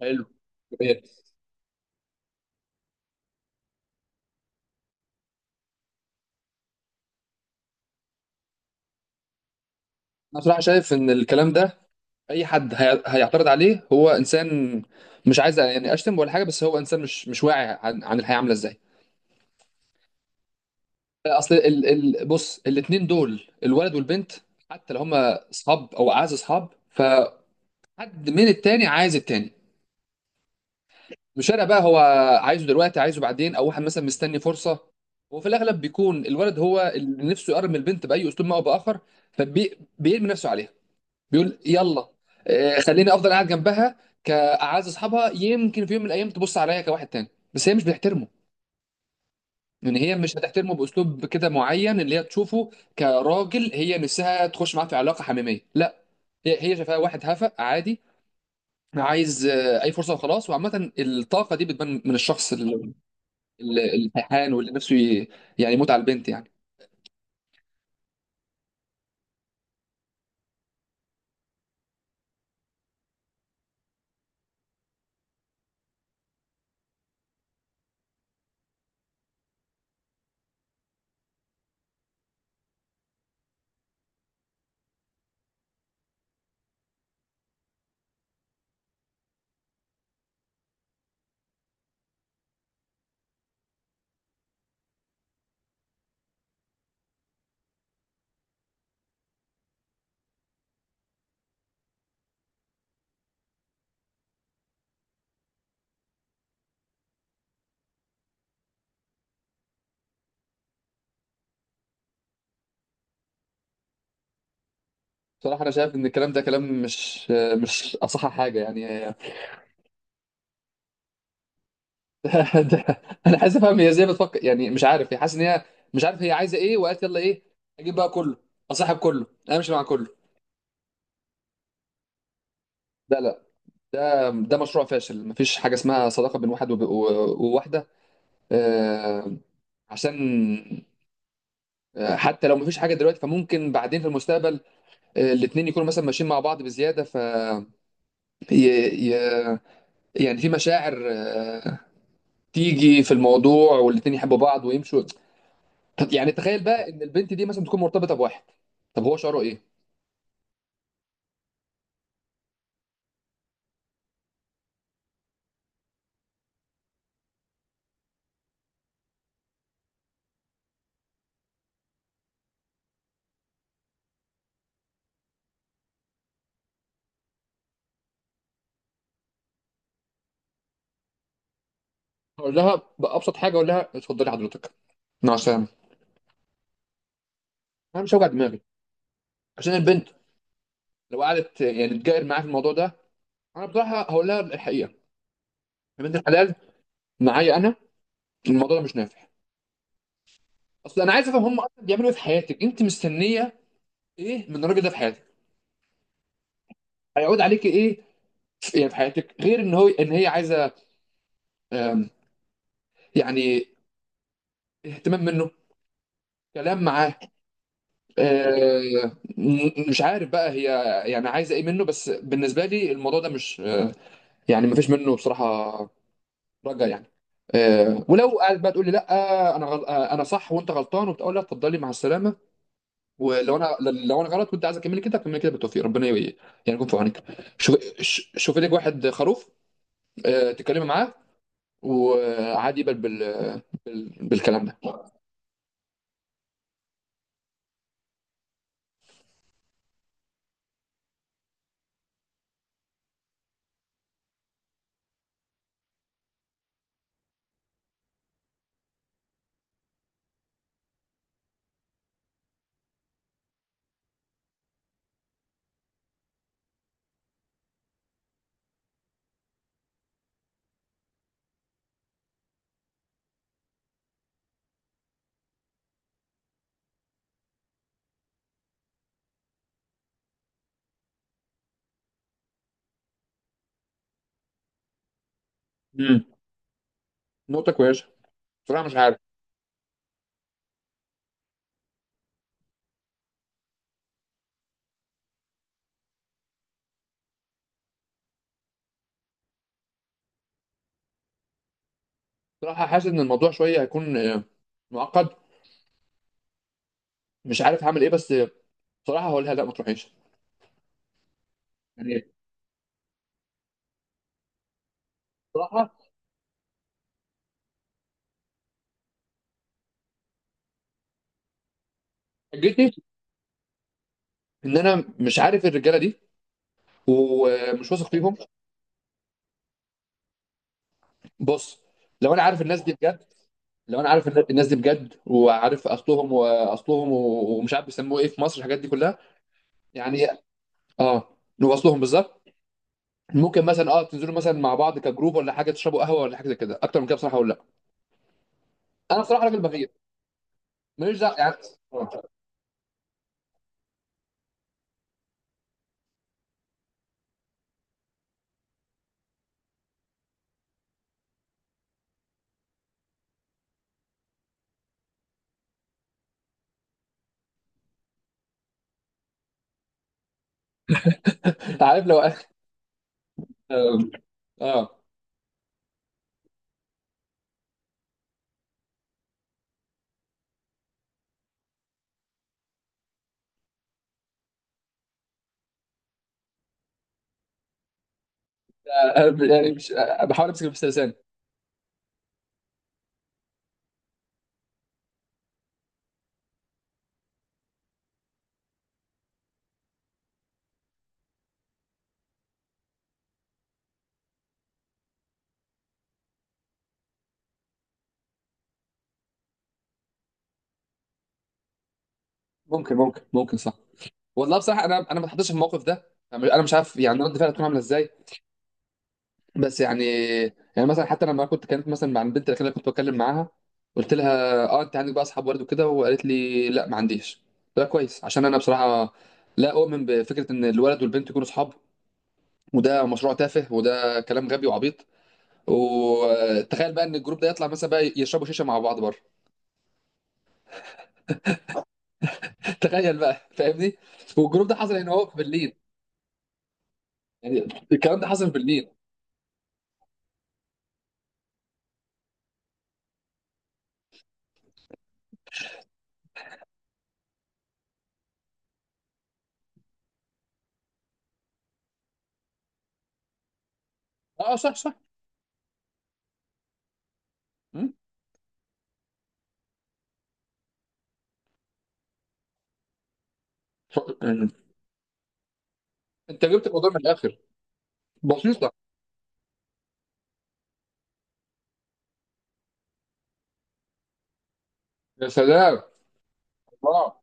حلو. جميل. انا بصراحه شايف ان الكلام ده اي حد هيعترض عليه، هو انسان مش عايز يعني اشتم ولا حاجه، بس هو انسان مش واعي عن الحياه عامله ازاي. اصل ال ال بص، الاثنين دول الولد والبنت، حتى لو هما اصحاب او اعز اصحاب، فحد من التاني عايز التاني. مش فارق بقى، هو عايزه دلوقتي عايزه بعدين، او واحد مثلا مستني فرصه. وفي الاغلب بيكون الولد هو اللي نفسه يقرب من البنت باي اسلوب ما او باخر، فبيرمي نفسه عليها. بيقول يلا، خليني افضل قاعد جنبها كاعز اصحابها، يمكن في يوم من الايام تبص عليا كواحد تاني. بس هي مش بتحترمه. يعني هي مش هتحترمه باسلوب كده معين اللي هي تشوفه كراجل، هي نفسها تخش معاه في علاقه حميميه، لا. هي شايفاه واحد هفق عادي، عايز اي فرصه وخلاص. وعامه الطاقه دي بتبان من الشخص الهيحان، واللي نفسه يعني يموت على البنت يعني. بصراحه انا شايف ان الكلام ده كلام مش اصح حاجه يعني. ده- انا عايز افهم هي ازاي بتفكر، يعني مش عارف هي حاسس ان هي مش عارف هي عايزه ايه، وقالت يلا ايه، اجيب بقى كله، اصاحب كله، امشي مع كله. لا لا، ده مشروع فاشل. مفيش حاجه اسمها صداقه بين واحد وواحده، آه، عشان حتى لو مفيش حاجه دلوقتي، فممكن بعدين في المستقبل الاتنين يكونوا مثلا ماشيين مع بعض بزياده، ف ي... ي... يعني في مشاعر تيجي في الموضوع، والاتنين يحبوا بعض ويمشوا. طب يعني تخيل بقى ان البنت دي مثلا تكون مرتبطه بواحد، طب هو شعره ايه؟ اقول لها بابسط حاجه، اقول لها اتفضلي حضرتك مع السلامه. انا مش هوجع دماغي عشان البنت. لو قعدت يعني تجاهر معايا في الموضوع ده، انا بصراحه هقول لها الحقيقه. يا بنت الحلال، معايا انا الموضوع ده مش نافع. اصل انا عايز افهم، هم اصلا بيعملوا ايه في حياتك انت مستنيه ايه من الراجل ده في حياتك؟ هيعود عليك ايه في حياتك، غير ان هو ان هي عايزه آم، يعني اهتمام منه، كلام معاه. آه، مش عارف بقى هي يعني عايزه ايه منه، بس بالنسبه لي الموضوع ده مش آه، يعني ما فيش منه بصراحه، رجع يعني. ولو قاعد بقى تقول لي لا، انا غل... آه، انا صح وانت غلطان، وبتقول لا، اتفضلي مع السلامه. ولو انا غلط وانت عايز اكمل كده، اكمل كده، بالتوفيق، ربنا يعني يكون في عونك. شوف شوفي لك واحد خروف تتكلمي معاه، وعادي يقبل بالكلام ده. مم. نقطه كويسه. بصراحه مش عارف. بصراحه حاسس ان الموضوع شويه هيكون معقد، مش عارف هاعمل إيه، بس بصراحة هاقول لها لأ، ما تروحيش، يعني. بصراحة حجتي إن أنا مش عارف الرجالة دي، ومش واثق فيهم. بُص، لو أنا عارف الناس دي بجد، لو أنا عارف الناس دي بجد وعارف أصلهم وأصلهم و ومش عارف بيسموه إيه في مصر، الحاجات دي كلّها، يعني آه، وأصلهم بالضبط. ممكن مثلًا تنزلوا مثلًا مع بعض كجروب والّا حاجة، تشربوا قهوة والّا حاجة زي كده. أكتر من كده بصراحة هاقول لأ. أنا بصراحة راجل بغير، ما ليش دعوة يعني. عارف، لو آه، آه، يعني مش، باحاول أمسك نفسي بلساني. ممكن صح. والله بصراحه، انا ما اتحطيتش في الموقف ده. انا مش عارف يعني رد فعلي هتكون عامله ازاي، بس يعني مثلا حتى لما كنت كانت مثلا مع البنت اللي كنت بتكلم معاها، قلت لها اه انت عندك بقى اصحاب ورد وكده، وقالت لي لا ما عنديش. ده كويس، عشان انا بصراحه لا اؤمن بفكره ان الولد والبنت يكونوا اصحاب. وده مشروع تافه، وده كلام غبي وعبيط. وتخيل بقى ان الجروب ده يطلع مثلا بقى يشربوا شيشه مع بعض بره. تخيل بقى، فاهمني؟ والجروب ده حصل هنا، هو في برلين. يعني الكلام ده حصل في برلين. اه، صح صح. مم؟ انت جبت الموضوع من الاخر. بسيطه. يا سلام. الله.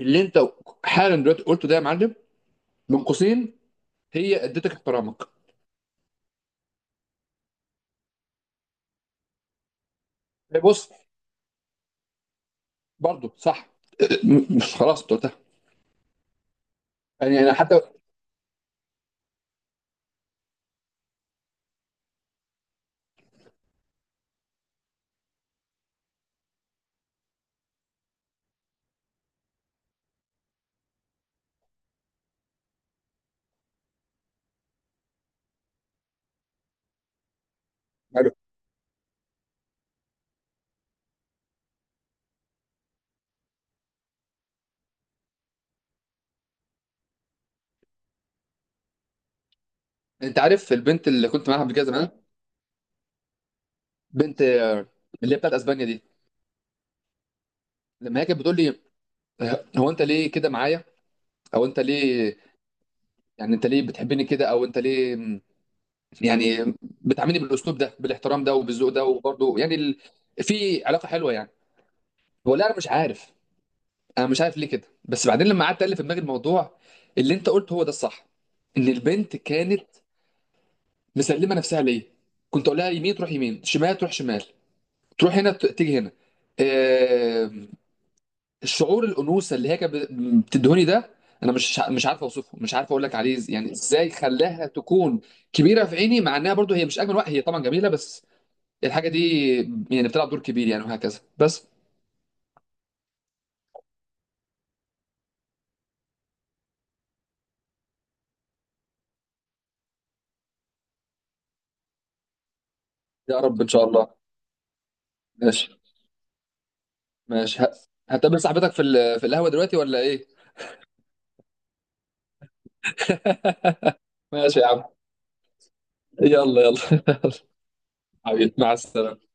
اللي انت حالا دلوقتي قلته ده يا معلم من قوسين، هي ادتك احترامك. إيه، بص، برضو صح. مش، خلاص انت قلتها. يعني انا حتى. انت عارف البنت اللي كنت معاها قبل كده زمان، بنت اللي هي بتاعت اسبانيا دي، لما هي كانت بتقول لي هو انت ليه كده معايا، او انت ليه، يعني انت ليه بتحبني كده، او انت ليه يعني بتعاملني بالاسلوب ده، بالاحترام ده، وبالذوق ده، وبرده يعني في علاقه حلوه يعني، ولا انا مش عارف. انا مش عارف ليه كده، بس بعدين لما قعدت الف في دماغي الموضوع، اللي انت قلته هو ده الصح، ان البنت كانت مسلمه نفسها ليا. كنت اقول لها يمين تروح يمين، شمال تروح شمال، تروح هنا تيجي هنا. آه... الشعور، الانوثه اللي هي كانت بتدهني ده، انا مش عارف اوصفه، مش عارف اقول لك عليه، يعني ازاي خلاها تكون كبيره في عيني، مع انها برضو هي مش اجمل واحده، هي طبعا جميله، بس الحاجه دي يعني بتلعب دور كبير يعني، وهكذا بس. يا رب ان شاء الله. ماشي. ماشي، هتقابل صاحبتك في القهوه دلوقتي ولا ايه؟ ماشي يا عم، يلا يلا يلا. حبيبي، مع السلامه.